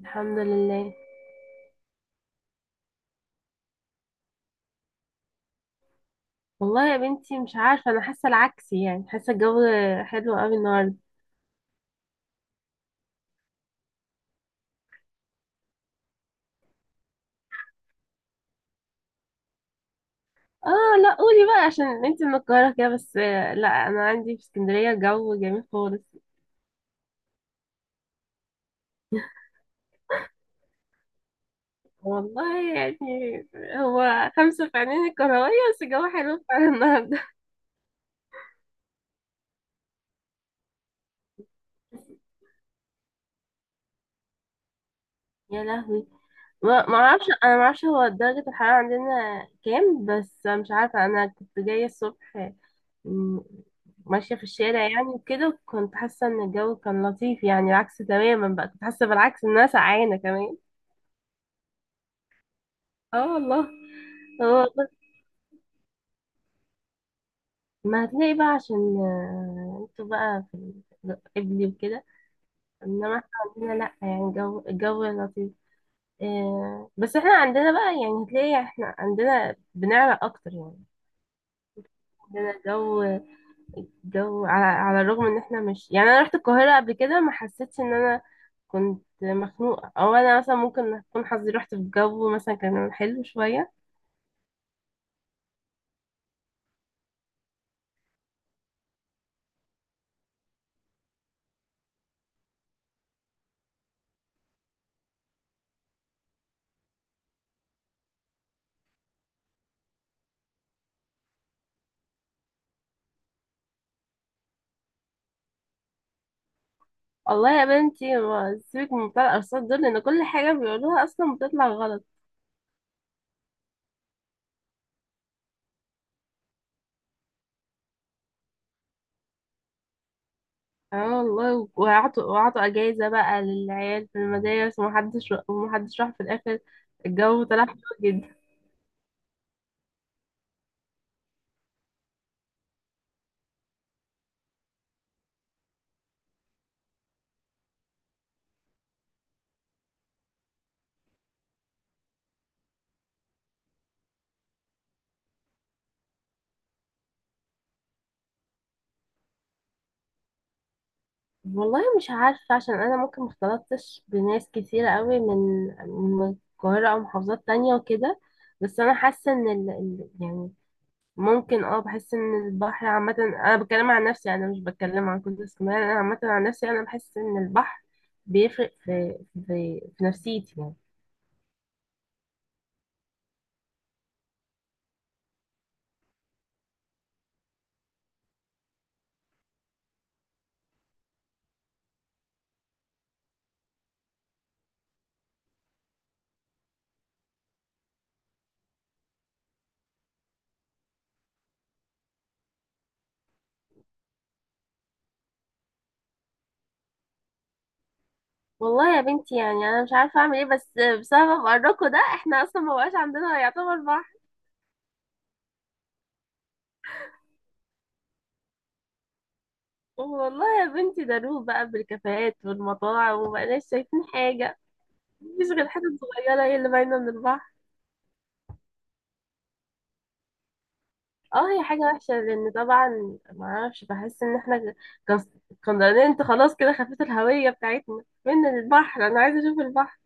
الحمد لله. والله يا بنتي مش عارفة، أنا حاسة العكس، يعني حاسة الجو حلو قوي النهاردة. اه لا، قولي بقى عشان انتي من القاهرة كده، بس لا أنا عندي في اسكندرية جو جميل خالص. والله يعني هو خمسة في عينين الكروية، بس الجو حلو فعلا النهاردة. يا لهوي. ما اعرفش، انا ما اعرفش هو درجة الحرارة عندنا كام، بس مش عارفة، انا كنت جاية الصبح م- ماشية في الشارع يعني، وكده كنت حاسة ان الجو كان لطيف، يعني العكس تماما بقى، كنت حاسة بالعكس ان انا سقعانة كمان. اه والله. هو بس ما هتلاقي بقى عشان انتوا بقى في قبلي وكده. انما احنا عندنا لا، يعني الجو لطيف. بس احنا عندنا بقى، يعني هتلاقي احنا عندنا بنعرق اكتر يعني. عندنا جو على الرغم ان احنا مش يعني، انا رحت القاهرة قبل كده ما حسيتش ان انا كنت مخنوقة، او انا مثلا ممكن اكون حظي رحت في جو مثلا كان حلو شوية. والله يا بنتي سيبك من بتاع الارصاد دول، لان كل حاجة بيقولوها اصلا بتطلع غلط. اه والله، وعطوا اجازة بقى للعيال في المدارس، ومحدش راح في الاخر، الجو طلع حلو. والله مش عارفة، عشان أنا ممكن مختلطتش بناس كتيرة قوي من من القاهرة أو محافظات تانية وكده. بس أنا حاسة إن يعني ممكن اه، بحس إن البحر عامة، أنا بتكلم عن نفسي، أنا مش بتكلم عن كل اسكندرية، أنا عامة عن نفسي، أنا بحس إن البحر بيفرق في في نفسيتي يعني. والله يا بنتي، يعني أنا مش عارفة أعمل إيه، بس بسبب قركو ده، إحنا أصلا مبقاش عندنا يعتبر بحر. والله يا بنتي، ده روح بقى بالكافيهات والمطاعم، ومبقناش شايفين حاجة. مفيش غير حتت صغيرة هي اللي باينة من البحر. اه هي حاجة وحشة، لأن طبعا معرفش، بحس إن احنا كس- كونتيننت خلاص كده، خفت الهوية بتاعتنا من البحر. أنا عايزة أشوف البحر.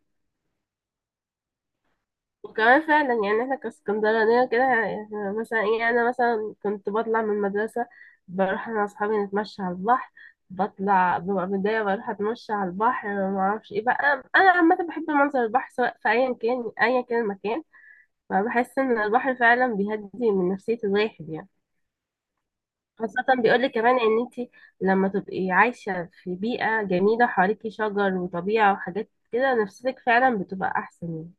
وكمان فعلا يعني احنا كاسكندرانية كده، إحنا مثلا ايه، أنا مثلا كنت بطلع من المدرسة بروح أنا وأصحابي نتمشى على البحر، بطلع ببقى متضايقة بروح أتمشى على البحر، معرفش ايه بقى، أنا عامة بحب منظر البحر سواء في، أيا كان أيا كان المكان. ما بحس ان البحر فعلا بيهدي من نفسية الواحد يعني. خاصة بيقولك كمان ان انتي لما تبقي عايشة في بيئة جميلة حواليكي شجر وطبيعة وحاجات كده، نفسيتك فعلا بتبقى احسن يعني.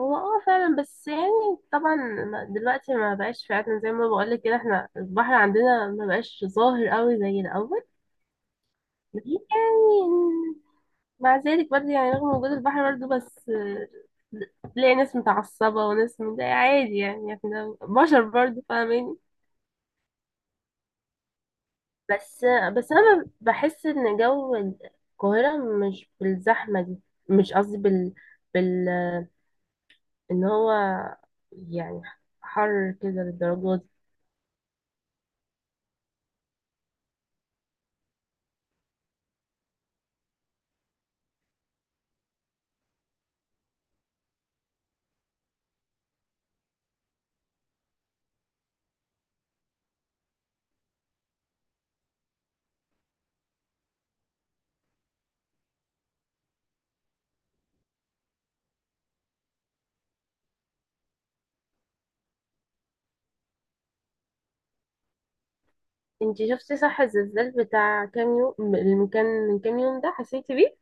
هو اه فعلا، بس يعني طبعا دلوقتي ما بقاش فعلا زي ما بقولك كده، احنا البحر عندنا ما بقاش ظاهر قوي زي الاول. لكن يعني مع ذلك برضه، يعني رغم وجود البحر برضه، بس تلاقي ناس متعصبة وناس مضايقة عادي، يعني احنا بشر برضه فاهمين. بس بس انا بحس ان جو القاهره مش بالزحمه دي. مش قصدي بال بال ان هو يعني حر كده للدرجه دي. انت شفتي صح الزلزال بتاع كام يوم، اللي كان من كام يوم ده، حسيتي بيه؟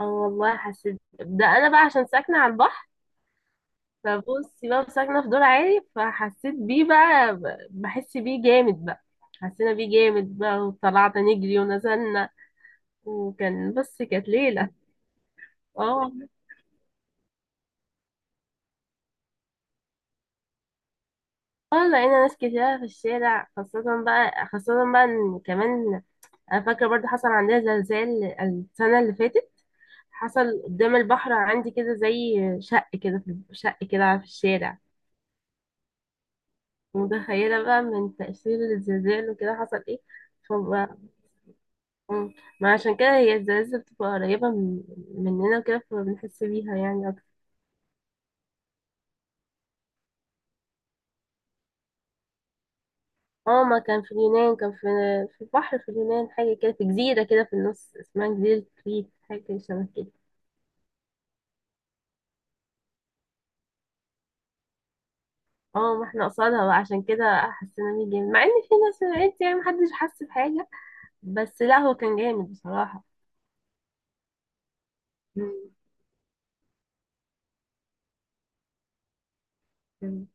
اه والله حسيت، ده انا بقى عشان ساكنه على البحر، فبصي بقى ساكنه في دور عالي فحسيت بيه بقى، بحس بيه جامد بقى، حسينا بيه جامد بقى وطلعنا نجري ونزلنا، وكان بس كانت ليله. اه. اه لقينا ناس كتيرة في الشارع، خاصة بقى، خاصة بقى ان كمان انا فاكرة برضه حصل عندنا زلزال السنة اللي فاتت، حصل قدام البحر عندي كده، زي شق كده في شق كده في الشارع، متخيلة بقى من تأثير الزلزال وكده، حصل ايه. فبقى- مم. ما عشان كده هي الزلازل بتبقى قريبة مننا وكده، فبنحس بيها يعني أكتر. اه ما كان في اليونان، كان في في بحر في اليونان، حاجة كده في جزيرة كده في النص، اسمها جزيرة كريت، حاجة شبه كده. اه ما احنا قصادها بقى، عشان كده حسينا بيه جامد، مع ان في ناس من عيلتي يعني محدش حس بحاجة، بس لا هو كان جامد بصراحة. مم. مم.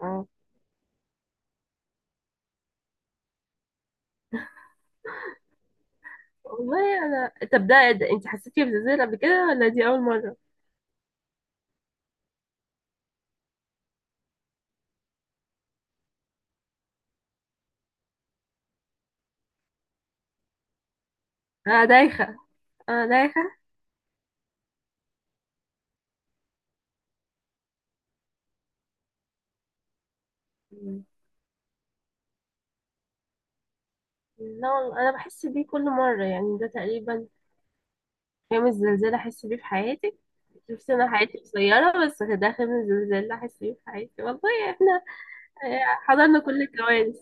اه والله. انا طب ده انت حسيتي بزلزال قبل كده ولا دي اول مرة؟ انا دايخة، انا دايخة. مم. لا والله انا بحس بيه كل مرة، يعني ده تقريبا خامس زلزال احس بيه في حياتي. شفت انا حياتي قصيرة، بس ده خامس زلزال احس بيه في حياتي. والله احنا حضرنا كل الكوارث.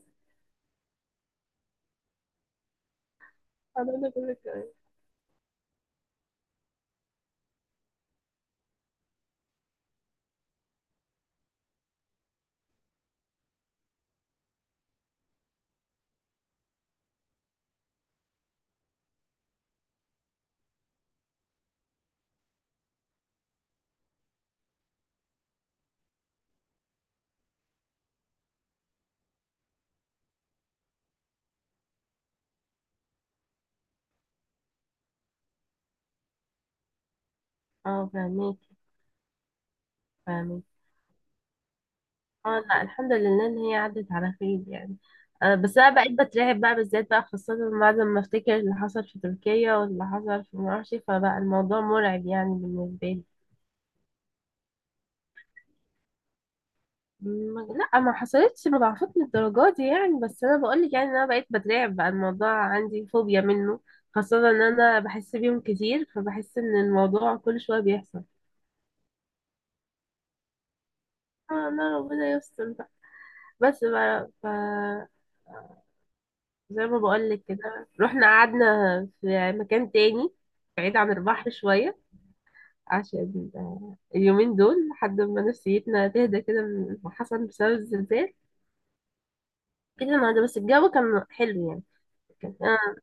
حضرنا كل الكوارث. اه فاهمك. فاهمك. اه لا الحمد لله ان هي عدت على خير يعني. بس انا بقيت بترعب بقى، بالذات بقى، خاصة بعد ما افتكر اللي حصل في تركيا واللي حصل في معرفش، فبقى الموضوع مرعب يعني بالنسبة لي. لا ما حصلتش مضاعفات للدرجات دي يعني، بس انا بقولك يعني إن انا بقيت بترعب بقى، الموضوع عندي فوبيا منه، خاصة ان انا بحس بيهم كتير، فبحس ان الموضوع كل شوية بيحصل. انا ربنا يستر بقى. بس بقى زي ما بقولك كده، رحنا قعدنا في مكان تاني بعيد عن البحر شوية، عشان اليومين دول لحد ما نفسيتنا تهدى كده من اللي حصل بسبب الزلزال. كده النهاردة بس الجو كان حلو يعني. كان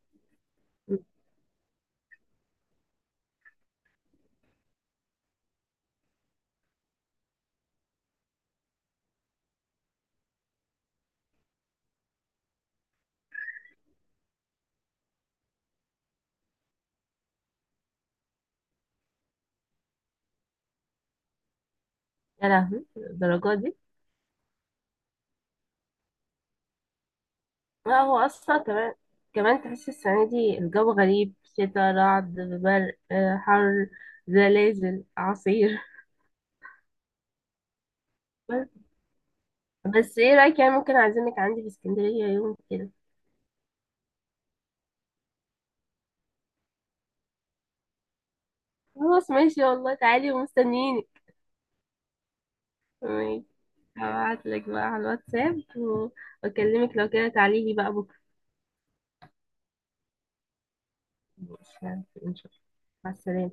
يا لهوي الدرجة دي. لا هو أصلا كمان تحس السنة دي الجو غريب، شتا، رعد، برق، حر، زلازل، أعاصير. بس بس ايه رأيك يعني، ممكن أعزمك عندي في اسكندرية يوم كده؟ خلاص ماشي، والله تعالي ومستنيينك. ماشي، هبعتلك بقى على الواتساب واكلمك، لو كده تعالي لي بقى بكره. ماشي ان شاء الله. مع السلامة.